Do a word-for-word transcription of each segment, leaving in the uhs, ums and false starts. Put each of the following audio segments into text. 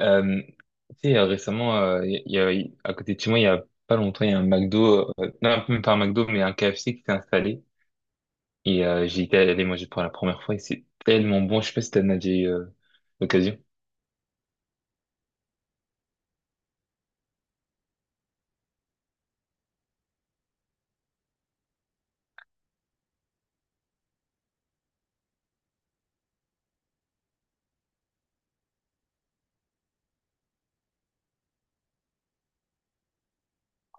Euh, tu sais, euh, récemment, euh, il y, a- il y a- à côté de chez moi, il y a pas longtemps, il y a un McDo, euh, non, même pas un McDo, mais un K F C qui s'est installé. Et euh, j'y étais allé manger pour la première fois et c'est tellement bon. Je sais pas si t'as déjà eu euh, l'occasion.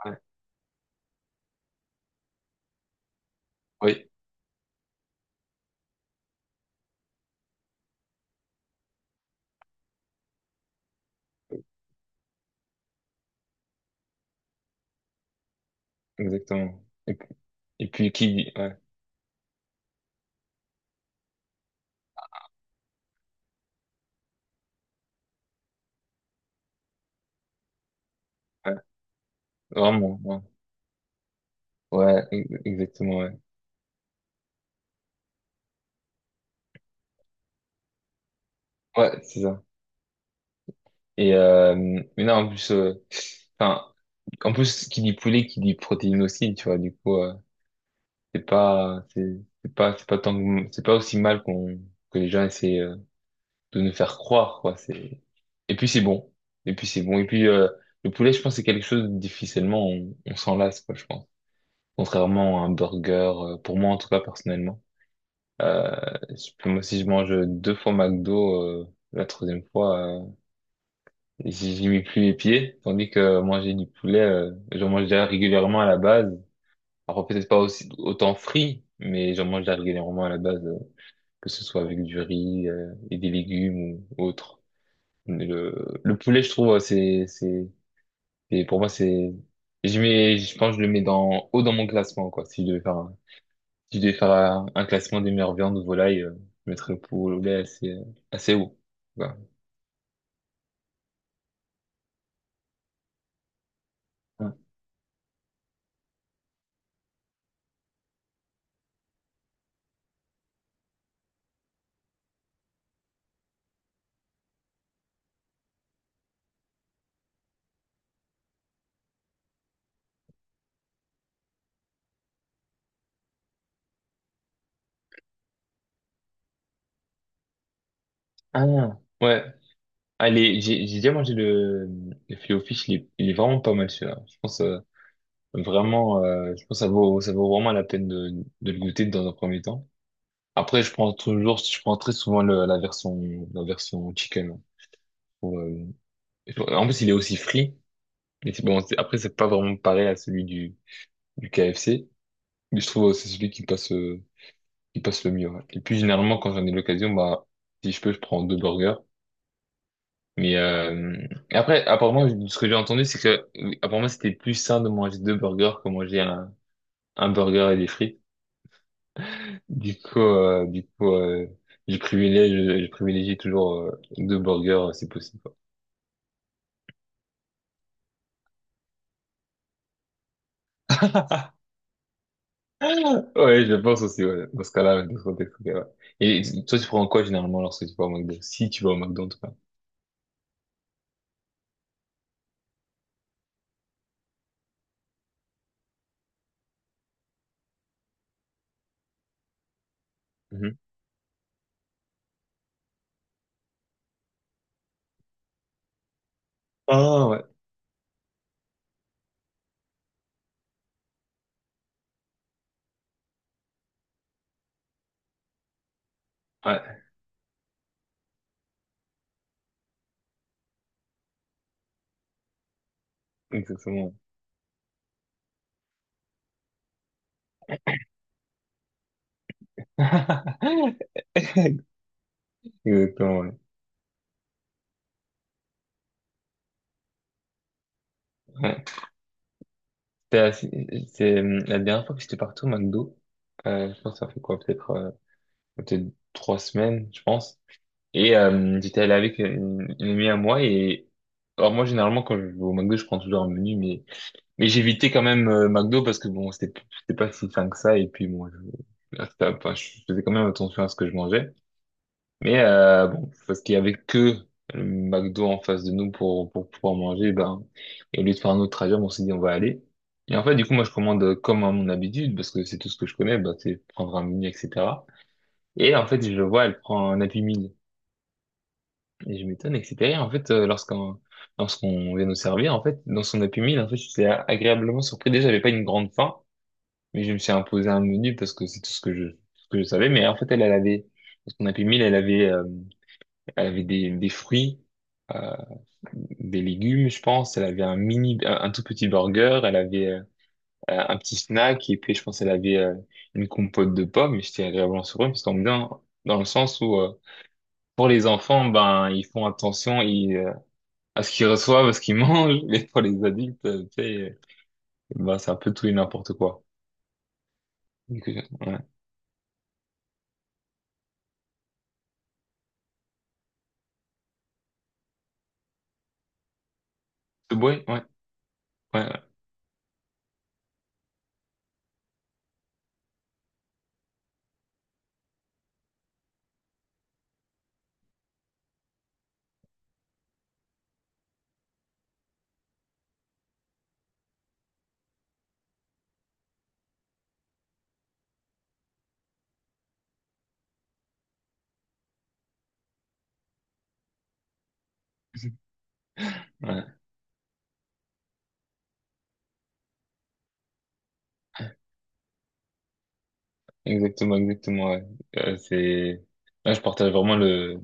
Ouais. Oui, Exactement. Et puis, et puis qui dit, ouais, ouais, vraiment, ouais, ouais, ex- exactement, ouais. Ouais, c'est ça. Et euh, mais non, en plus, euh, enfin, en plus, qui dit poulet, qui dit protéines aussi, tu vois, du coup, euh, c'est pas c'est c'est pas c'est pas tant que- c'est pas aussi mal qu'on que les gens essaient euh, de nous faire croire, quoi. C'est Et puis c'est bon, et puis c'est bon et puis euh, le poulet, je pense, c'est quelque chose difficilement on, on s'en lasse, quoi, je pense. Contrairement à un burger, euh, pour moi en tout cas, personnellement, euh, je peux- moi, si je mange deux fois McDo, euh, la troisième fois, euh, j'y j'y mets plus les pieds, tandis que manger du poulet, euh, j'en mange déjà régulièrement à la base. Alors peut-être pas aussi autant frit, mais j'en mange déjà régulièrement à la base. Euh, que ce soit avec du riz, euh, et des légumes ou autre. Mais le, le poulet, je trouve, euh, c'est, c'est, c'est- pour moi, c'est, je mets, je pense, que je le mets dans, haut dans mon classement, quoi. Si je devais faire un, si je devais faire un, un classement des meilleures viandes ou volailles, euh, je mettrais le poulet assez, euh, assez haut. Voilà. Ah, ouais. Allez, j'ai, j'ai déjà mangé le, le filet au fish. Il est, il est, vraiment pas mal, celui-là. Je pense, euh, vraiment, euh, je pense que ça vaut, ça vaut vraiment la peine de, de le goûter dans un premier temps. Après, je prends toujours, je prends très souvent le- la version, la version chicken. Pour, euh, En plus, il est aussi frit. Mais c'est bon, c'est- après, c'est pas vraiment pareil à celui du, du K F C. Mais je trouve que c'est celui qui passe, euh, qui passe le mieux. Ouais. Et puis, généralement, quand j'en ai l'occasion, bah, si je peux, je prends deux burgers. Mais euh, et après, apparemment, ce que j'ai entendu, c'est que, euh, apparemment, c'était plus sain de manger deux burgers que manger un, un burger et des frites. Du coup, euh, du coup, euh, je privilégie, je, je privilégie toujours, euh, deux burgers, euh, si possible. Ouais, je pense aussi, ouais. Dans ce cas-là, dans ce contexte, ok, ouais. Et toi, tu prends quoi généralement lorsque tu vas au McDo? Si tu vas au McDo, en tout cas. Mhm. Ah, ouais. Ouais, exactement. Exactement, ouais. Ouais. C'était assez- C'est, euh, la dernière fois que j'étais parti au McDo. Euh, je pense que ça fait quoi? Peut-être euh, peut-être trois semaines, je pense. Et euh, j'étais allé avec une, une amie à moi. Et alors moi, généralement, quand je vais au McDo, je prends toujours un menu, mais... Mais j'évitais quand même, euh, McDo, parce que bon, c'était c'était pas si fin que ça, et puis bon, je, c'était- enfin, je faisais quand même attention à ce que je mangeais. Mais euh, bon, parce qu'il y avait que le McDo en face de nous pour pour pouvoir manger, eh ben, et au lieu de faire un autre trajet, on s'est dit on va aller. Et en fait, du coup, moi je commande, euh, comme à mon habitude, parce que c'est tout ce que je connais, ben, c'est prendre un menu, et cetera. Et en fait, je le vois, elle prend un Happy Meal, et je m'étonne, et cetera. Et en fait, euh, lorsqu'on lorsqu'on vient nous servir, en fait, dans son Happy Meal, en fait, j'étais agréablement surpris. Déjà, j'avais pas une grande faim. Mais je me suis imposé un menu parce que c'est tout ce que je, ce que je savais. Mais en fait, elle, elle avait, dans son Happy Meal, elle avait, euh, elle avait des, des fruits, euh, des légumes, je pense. Elle avait un mini, un, un tout petit burger. Elle avait euh, un petit snack. Et puis, je pense, elle avait, euh, une compote de pommes. Et j'étais agréablement surpris, parce qu'en bien, dans le sens où, euh, pour les enfants, ben, ils font attention, ils, euh, à ce qu'ils reçoivent, à ce qu'ils mangent. Mais pour les adultes, euh, tu sais, euh, ben, c'est un peu tout et n'importe quoi. Donc, euh, ouais. Subway, ouais, ouais, ouais. Ouais. Exactement, exactement, ouais. Euh, c'est, Là, je partage vraiment le,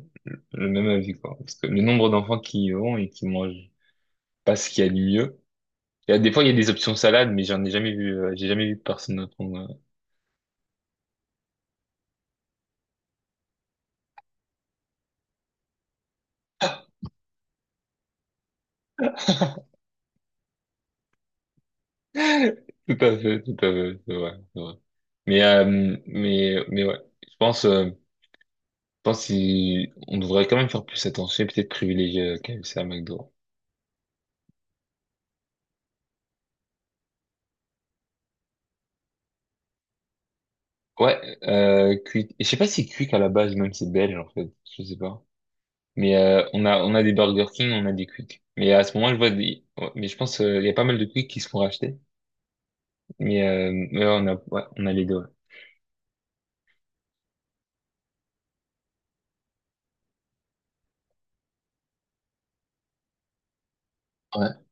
le même avis, quoi. Parce que le nombre d'enfants qui y vont et qui mangent pas ce qu'il y a de mieux. Il y a, des fois, il y a des options salades, mais j'en ai jamais vu, euh, j'ai jamais vu personne apprendre. Tout à fait, tout à fait, c'est vrai, c'est vrai. Mais, euh, mais, mais ouais. Je pense, euh, je pense qu'il- on devrait quand même faire plus attention et peut-être privilégier, euh, K F C à McDo. Ouais, euh, cuit, et je sais pas si cuit à la base, même c'est belge, en fait. Je sais pas. Mais euh, on a on a des Burger King, on a des Quick. Mais à ce moment, je vois des. Ouais, mais je pense, euh, il y a pas mal de Quick qui se font racheter. Mais euh, ouais, on a ouais, on a les deux. Ouais. Ouais.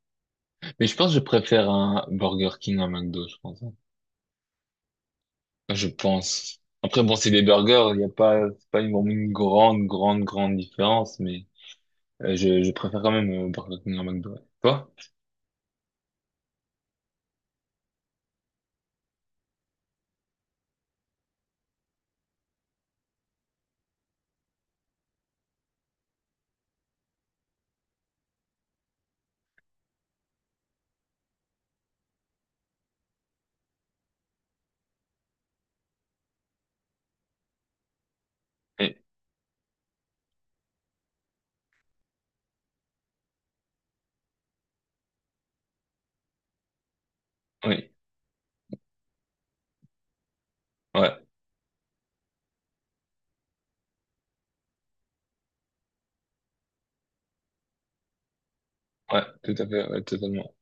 Mais je pense que je préfère un Burger King à un McDo, je pense, hein. Enfin, Je pense. Après bon, c'est des burgers, il y a pas c'est pas une, une grande grande grande différence, mais euh, je je préfère quand même, euh, Burger King à McDo. Ouais. Toi? Oui. Oui. Ouais. Ouais. Tout à fait. Ouais, totalement.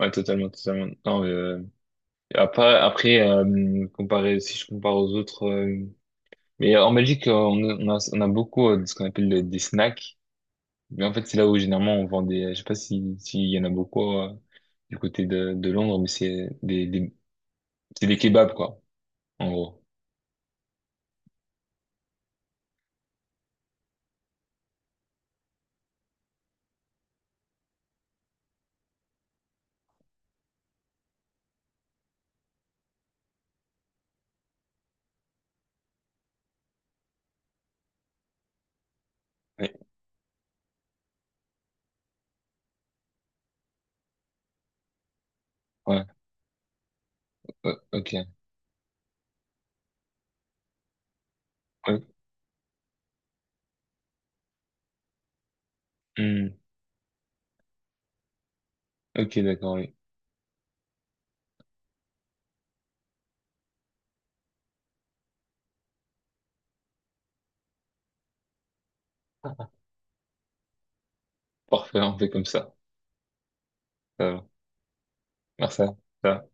Ouais, totalement, totalement. Non, mais, euh, après, après, euh, comparé, si je compare aux autres. euh, Mais euh, en Belgique, euh, on a, on a on a beaucoup, euh, de ce qu'on appelle le- des snacks. Mais en fait, c'est là où généralement on vend des. euh, Je sais pas si s'il y en a beaucoup, euh, du côté de, de Londres, mais c'est des, des c'est des kebabs, quoi, en gros. Oui. Ouais. Ouais, ok. Ouais. Hmm. Ok, d'accord. Oui. Parfait. On fait comme ça. Ça va. Merci. Ça va.